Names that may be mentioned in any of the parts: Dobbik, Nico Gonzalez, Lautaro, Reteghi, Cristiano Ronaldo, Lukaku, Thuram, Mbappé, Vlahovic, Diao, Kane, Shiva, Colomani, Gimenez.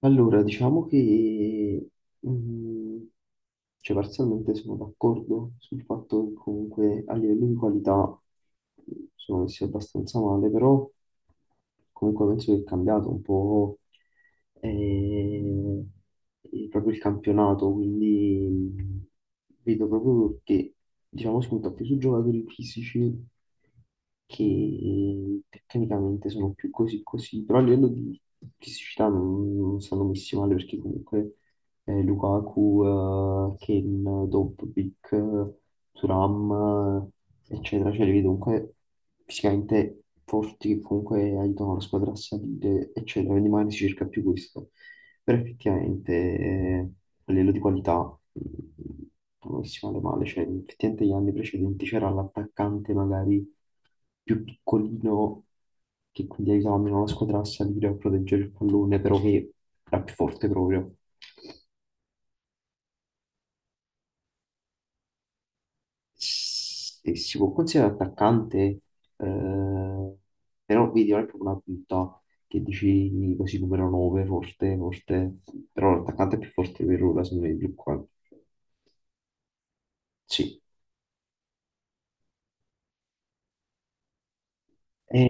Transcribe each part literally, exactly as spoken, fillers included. Allora, diciamo che, mm, cioè, parzialmente sono d'accordo sul fatto che comunque a livello di qualità mm, sono messi abbastanza male, però comunque penso che è cambiato un po' eh, il- proprio il campionato, quindi mm, vedo proprio che diciamo, spunta più su giocatori fisici che tecnicamente sono più così così, però a livello di fisicità non, non stanno messi male perché comunque eh, Lukaku, eh, Kane, Dobbik, Thuram, eccetera, cioè li vedo comunque fisicamente forti che comunque aiutano la squadra a salire, eccetera, quindi magari si cerca più questo. Però effettivamente eh, a livello di qualità mh, non si male male, cioè effettivamente gli anni precedenti c'era l'attaccante magari più piccolino che quindi aiutava meno la squadra a salire a proteggere il pallone, però che era più forte proprio. Se si può considerare attaccante, eh, però vedi, non è proprio una punta che dici così numero nove, forte, forte, però l'attaccante più forte per ora, secondo me, più qua. Sì. Eh,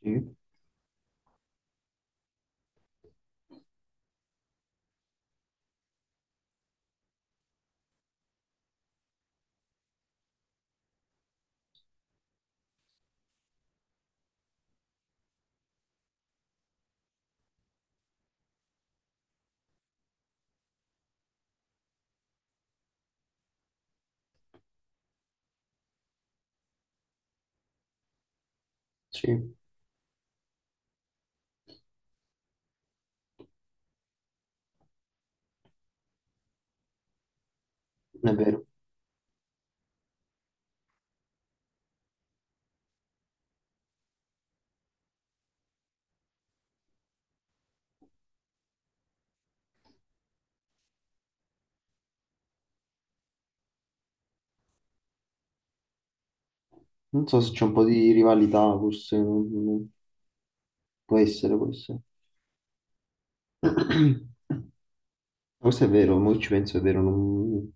sì, sì, è vero. Non so se c'è un po' di rivalità, forse, non- non- può essere, può essere. Questo è vero, mo che ci penso, è vero, non...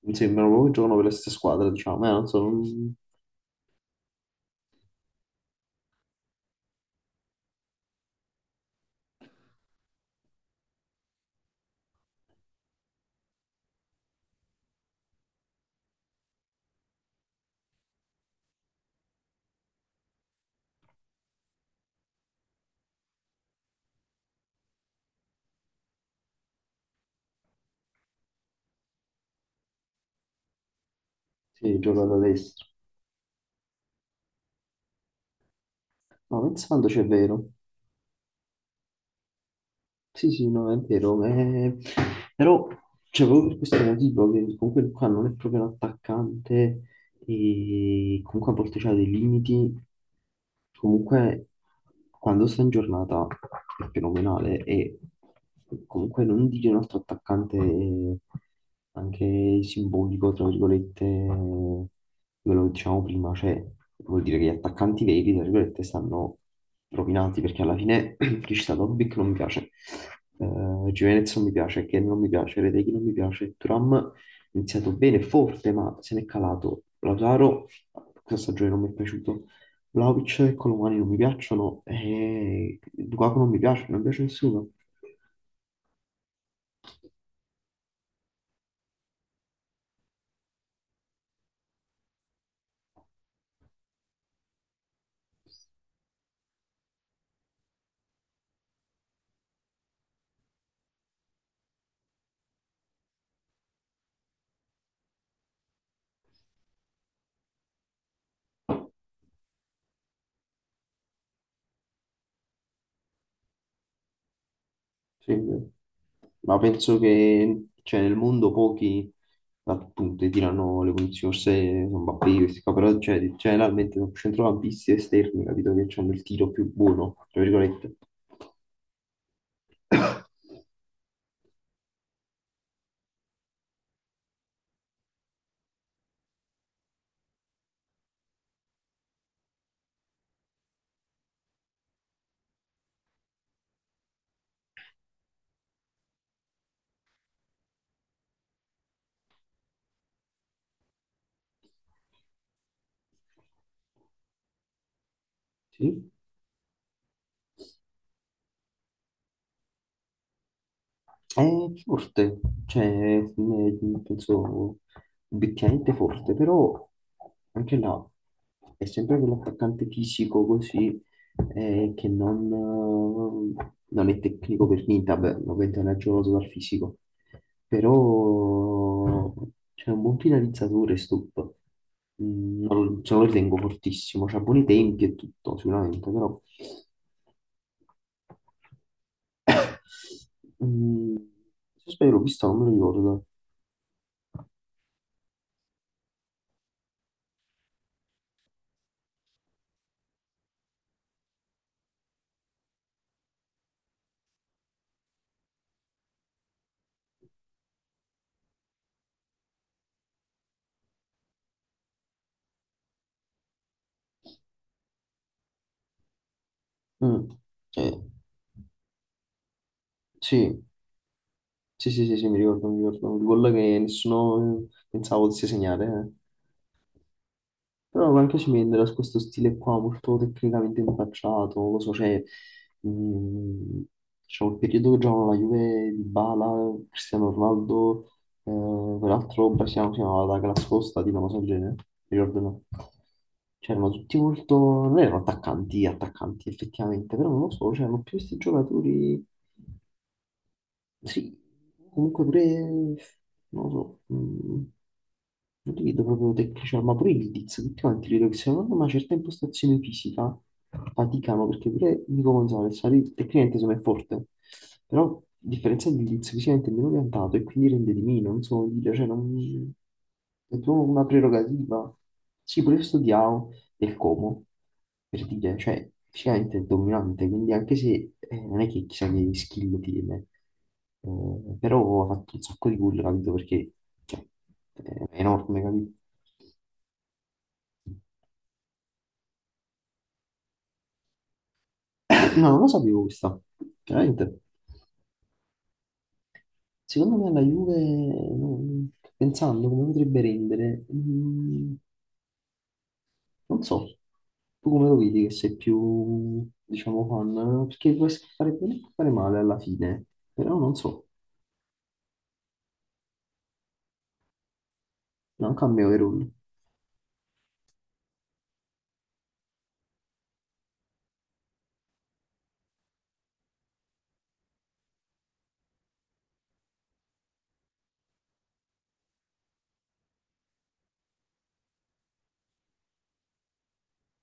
non sembrano proprio che giocano per la stessa squadra, diciamo, eh, non so, non... Sì, gioca da. No, pensandoci è vero. Sì, sì, no, è vero. eh, Però, cioè, proprio per questo motivo, che comunque qua non è proprio un attaccante e comunque a volte c'ha dei limiti. Comunque, quando sta in giornata è fenomenale e comunque non dire un altro attaccante eh, anche simbolico, tra virgolette, eh, quello che diciamo prima, cioè vuol dire che gli attaccanti veri, tra virgolette, stanno rovinati perché alla fine Felicità Lobby che non mi piace, eh, Gimenez non mi piace, Ken non mi piace, Reteghi non mi piace, Turam ha iniziato bene, forte, ma se ne è calato, Lautaro questa stagione non mi è piaciuto, Vlahovic e Colomani non mi piacciono, e Lukaku non mi piace, non mi piace nessuno. Sì, ma penso che cioè, nel mondo pochi appunto tirano le posizioni, forse sono Mbappé, questi qua, però cioè, generalmente sono centrocampisti esterni, capito, che hanno il tiro più buono, tra virgolette. Sì. È forte, cioè, è- penso, obiettivamente forte, però anche là è sempre quell'attaccante fisico così eh, che non, eh, non è tecnico per niente, vabbè, ovviamente non è giocato dal fisico, però c'è un buon finalizzatore, Stup. Mm, Non, lo non lo ritengo fortissimo, c'ha buoni tempi e tutto, sicuramente, però... Mm, se sbaglio l'ho vista, non me lo ricordo. Mm, eh, sì. Sì, sì, sì, sì, mi ricordo, mi ricordo. Il gol che nessuno pensava potesse segnare. Eh. Però anche Cimendra ha questo stile qua molto tecnicamente impacciato, non lo so, cioè, mh, c'è il periodo che giocavano la Juve di Bala, Cristiano Ronaldo, eh, quell'altro brasiliano che si chiamava la Costa, tipo una cosa del genere, ricordo no. C'erano tutti molto, non erano attaccanti, attaccanti effettivamente, però non lo so, c'erano più questi giocatori. Sì, comunque pure, non lo so, mm, non li vedo proprio tecnici, ma pure i Lidiz, tutti quanti credo che se non hanno una certa impostazione fisica faticano, perché pure Nico Gonzalez, sai, tecnicamente insomma è forte, però a differenza di Lidiz fisicamente è meno piantato e quindi rende di meno, non so come dire, cioè non... è proprio una prerogativa. Sì, pure questo Diao del Como, per dire, cioè, fisicamente è dominante, quindi anche se eh, non è che chissà che skill tiene, eh, però ha fatto un sacco di gol, capito? Perché cioè, è enorme, capito? No, non lo sapevo questa, veramente. Secondo me la Juve, non- pensando come potrebbe rendere, mm, non so, tu come lo vedi che sei più, diciamo, fan? Perché può fare bene e può fare male alla fine, però non so, non cambia overall.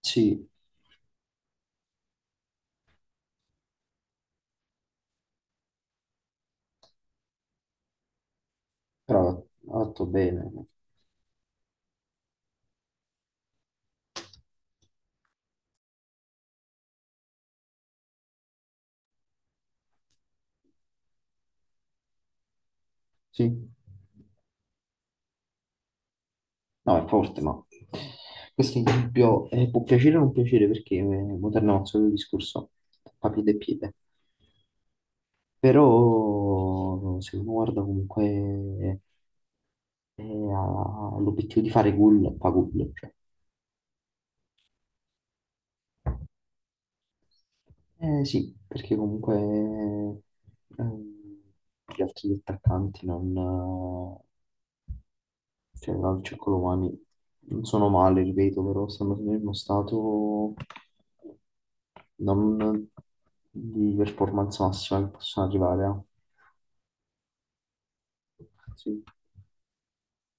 Sì, però ha fatto bene, sì, no, è forte, ma questo esempio eh, può piacere o non piacere perché eh, moderno è il solito discorso, papite e piede, però se uno guarda comunque eh, ha l'obiettivo di fare gol, fa gol, cioè. Eh sì, perché comunque ehm, gli altri attaccanti non, cioè Calcio e Colomani non sono male, ripeto, però stanno nel uno stato non di performance massima che possono arrivare. Eh. Sì.